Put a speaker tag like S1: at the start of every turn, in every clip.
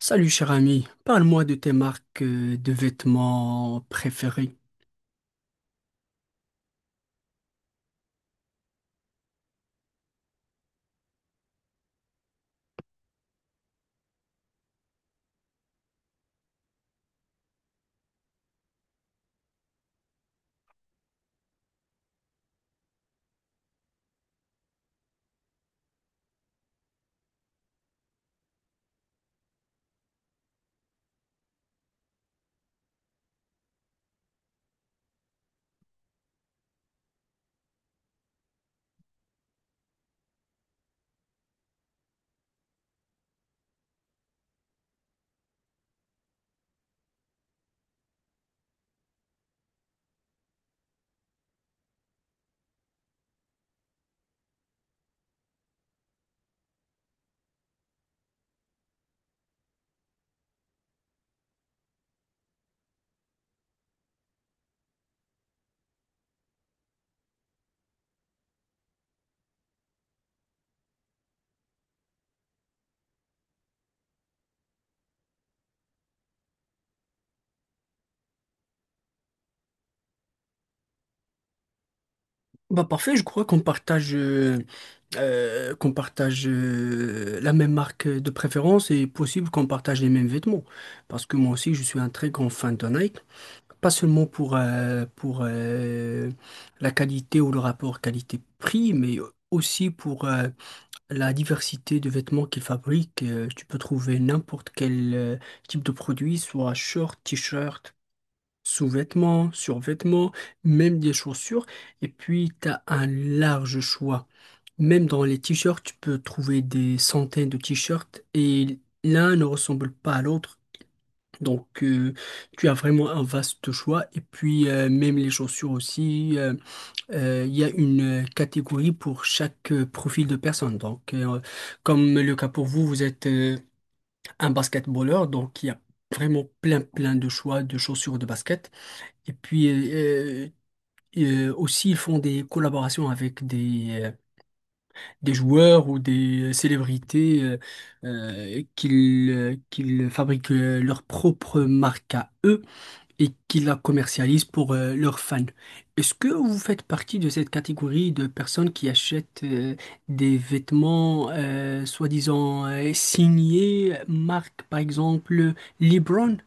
S1: Salut cher ami, parle-moi de tes marques de vêtements préférées. Bah parfait, je crois qu'on partage la même marque de préférence et possible qu'on partage les mêmes vêtements. Parce que moi aussi je suis un très grand fan de Nike, pas seulement pour la qualité ou le rapport qualité-prix, mais aussi pour la diversité de vêtements qu'ils fabriquent. Tu peux trouver n'importe quel type de produit, soit short, t-shirt, sous-vêtements, survêtements, même des chaussures. Et puis, tu as un large choix. Même dans les t-shirts, tu peux trouver des centaines de t-shirts et l'un ne ressemble pas à l'autre. Donc, tu as vraiment un vaste choix. Et puis, même les chaussures aussi, il y a une catégorie pour chaque profil de personne. Donc, comme le cas pour vous, vous êtes un basketballeur, donc il y a vraiment plein, plein de choix de chaussures de basket. Et puis euh, aussi, ils font des collaborations avec des joueurs ou des célébrités qu'ils fabriquent leur propre marque à eux et qu'ils la commercialisent pour leurs fans. Est-ce que vous faites partie de cette catégorie de personnes qui achètent des vêtements soi-disant signés, marque par exemple LeBron?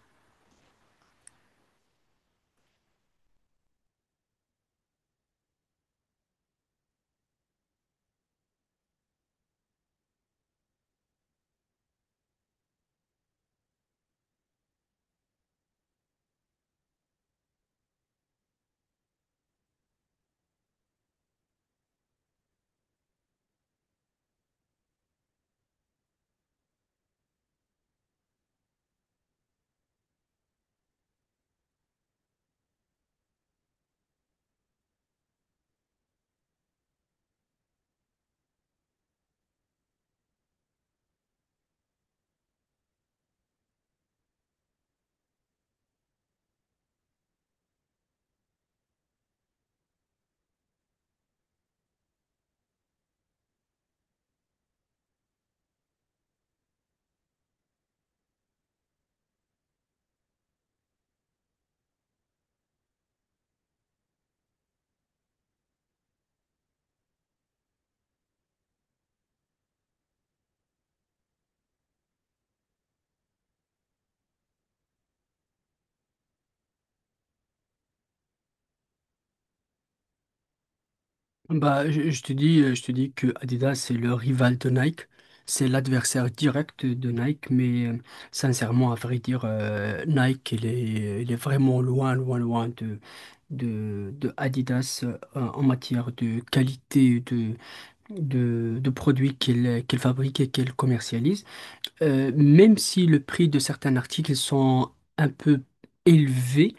S1: Bah, je te dis que Adidas, c'est le rival de Nike. C'est l'adversaire direct de Nike. Mais sincèrement, à vrai dire, Nike, il est vraiment loin, loin, loin de Adidas en matière de qualité de produits qu'il fabrique et qu'il commercialise. Même si le prix de certains articles sont un peu élevés,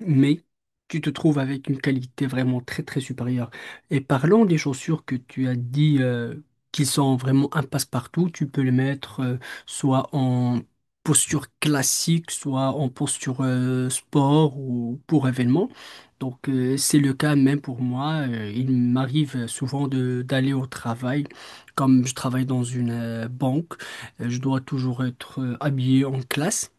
S1: mais tu te trouves avec une qualité vraiment très très supérieure. Et parlant des chaussures que tu as dit qui sont vraiment un passe-partout, tu peux les mettre soit en posture classique, soit en posture sport ou pour événement. Donc, c'est le cas même pour moi. Il m'arrive souvent de d'aller au travail. Comme je travaille dans une banque, je dois toujours être habillé en classe.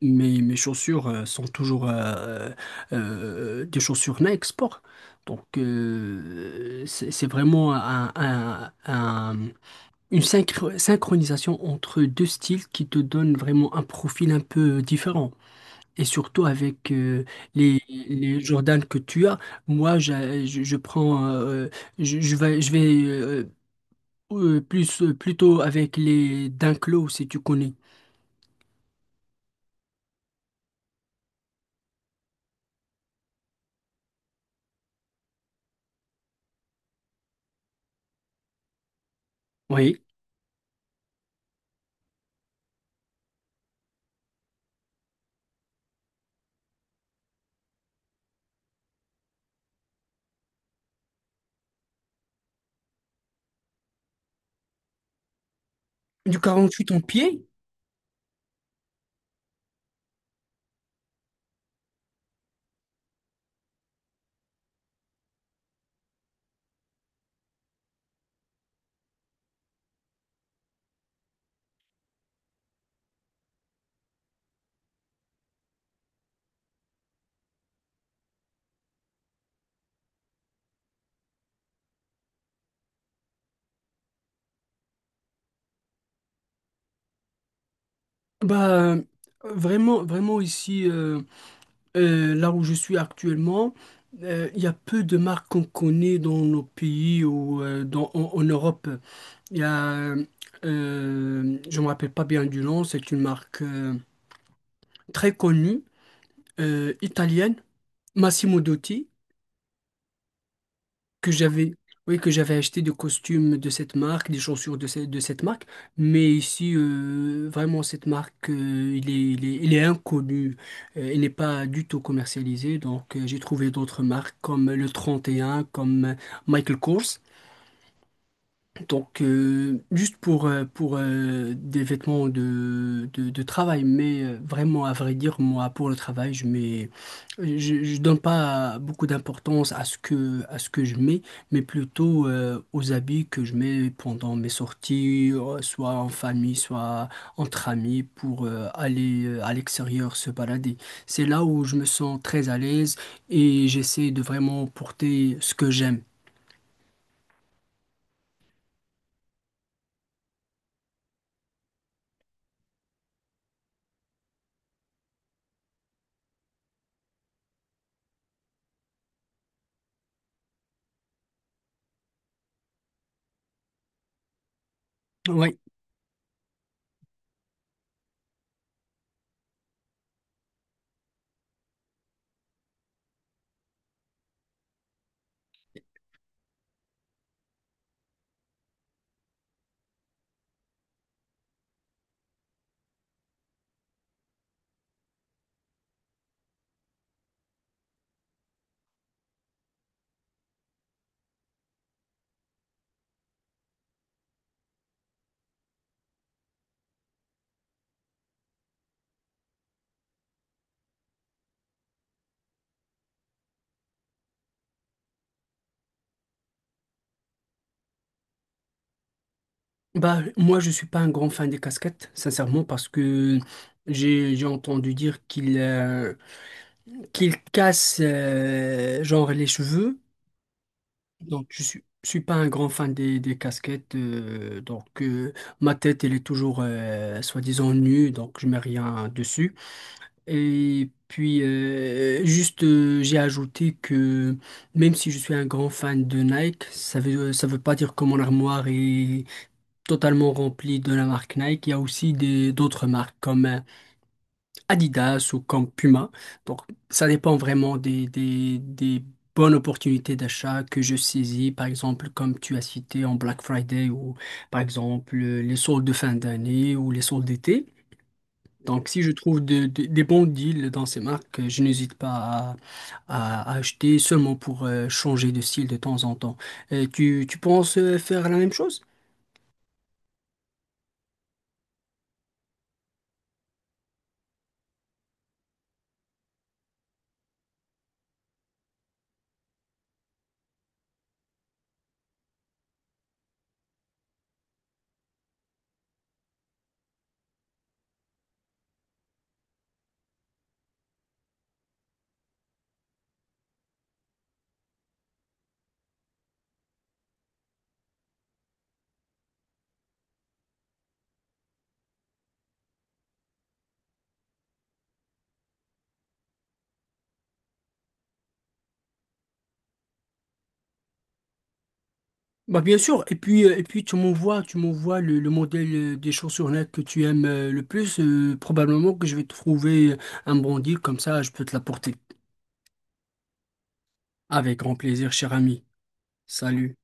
S1: Mes chaussures sont toujours des chaussures Nike Sport. Donc, c'est vraiment une synchronisation entre deux styles qui te donne vraiment un profil un peu différent. Et surtout avec les Jordan que tu as, moi, je prends, je vais plutôt avec les Dunk Low, si tu connais. Oui. Du 48 en pied. Bah, vraiment, vraiment ici, là où je suis actuellement, il y a peu de marques qu'on connaît dans nos pays ou en Europe. Il y a, je me rappelle pas bien du nom, c'est une marque très connue, italienne, Massimo Dutti. Que j'avais, oui, que j'avais acheté des costumes de cette marque, des chaussures de cette marque, mais ici, vraiment, cette marque, il est inconnu, il n'est pas du tout commercialisé, donc j'ai trouvé d'autres marques comme le 31 comme Michael Kors, donc, juste pour des vêtements de travail, mais vraiment, à vrai dire, moi, pour le travail, je donne pas beaucoup d'importance à ce que je mets, mais plutôt aux habits que je mets pendant mes sorties, soit en famille, soit entre amis, pour aller à l'extérieur se balader. C'est là où je me sens très à l'aise et j'essaie de vraiment porter ce que j'aime. Ouais. Bah, moi, je suis pas un grand fan des casquettes, sincèrement, parce que j'ai entendu dire qu'ils qu'il casse genre les cheveux. Donc, je suis pas un grand fan des casquettes. Donc, ma tête, elle est toujours soi-disant nue, donc je mets rien dessus. Et puis, juste, j'ai ajouté que même si je suis un grand fan de Nike, ça veut pas dire que mon armoire est totalement rempli de la marque Nike. Il y a aussi des d'autres marques comme Adidas ou comme Puma. Donc, ça dépend vraiment des bonnes opportunités d'achat que je saisis, par exemple, comme tu as cité en Black Friday ou, par exemple, les soldes de fin d'année ou les soldes d'été. Donc, si je trouve des bons deals dans ces marques, je n'hésite pas à acheter seulement pour changer de style de temps en temps. Tu penses faire la même chose? Bah bien sûr, et puis tu m'envoies le modèle des chaussures là que tu aimes le plus. Probablement que je vais trouver un bon deal, comme ça je peux te l'apporter. Avec grand plaisir, cher ami. Salut.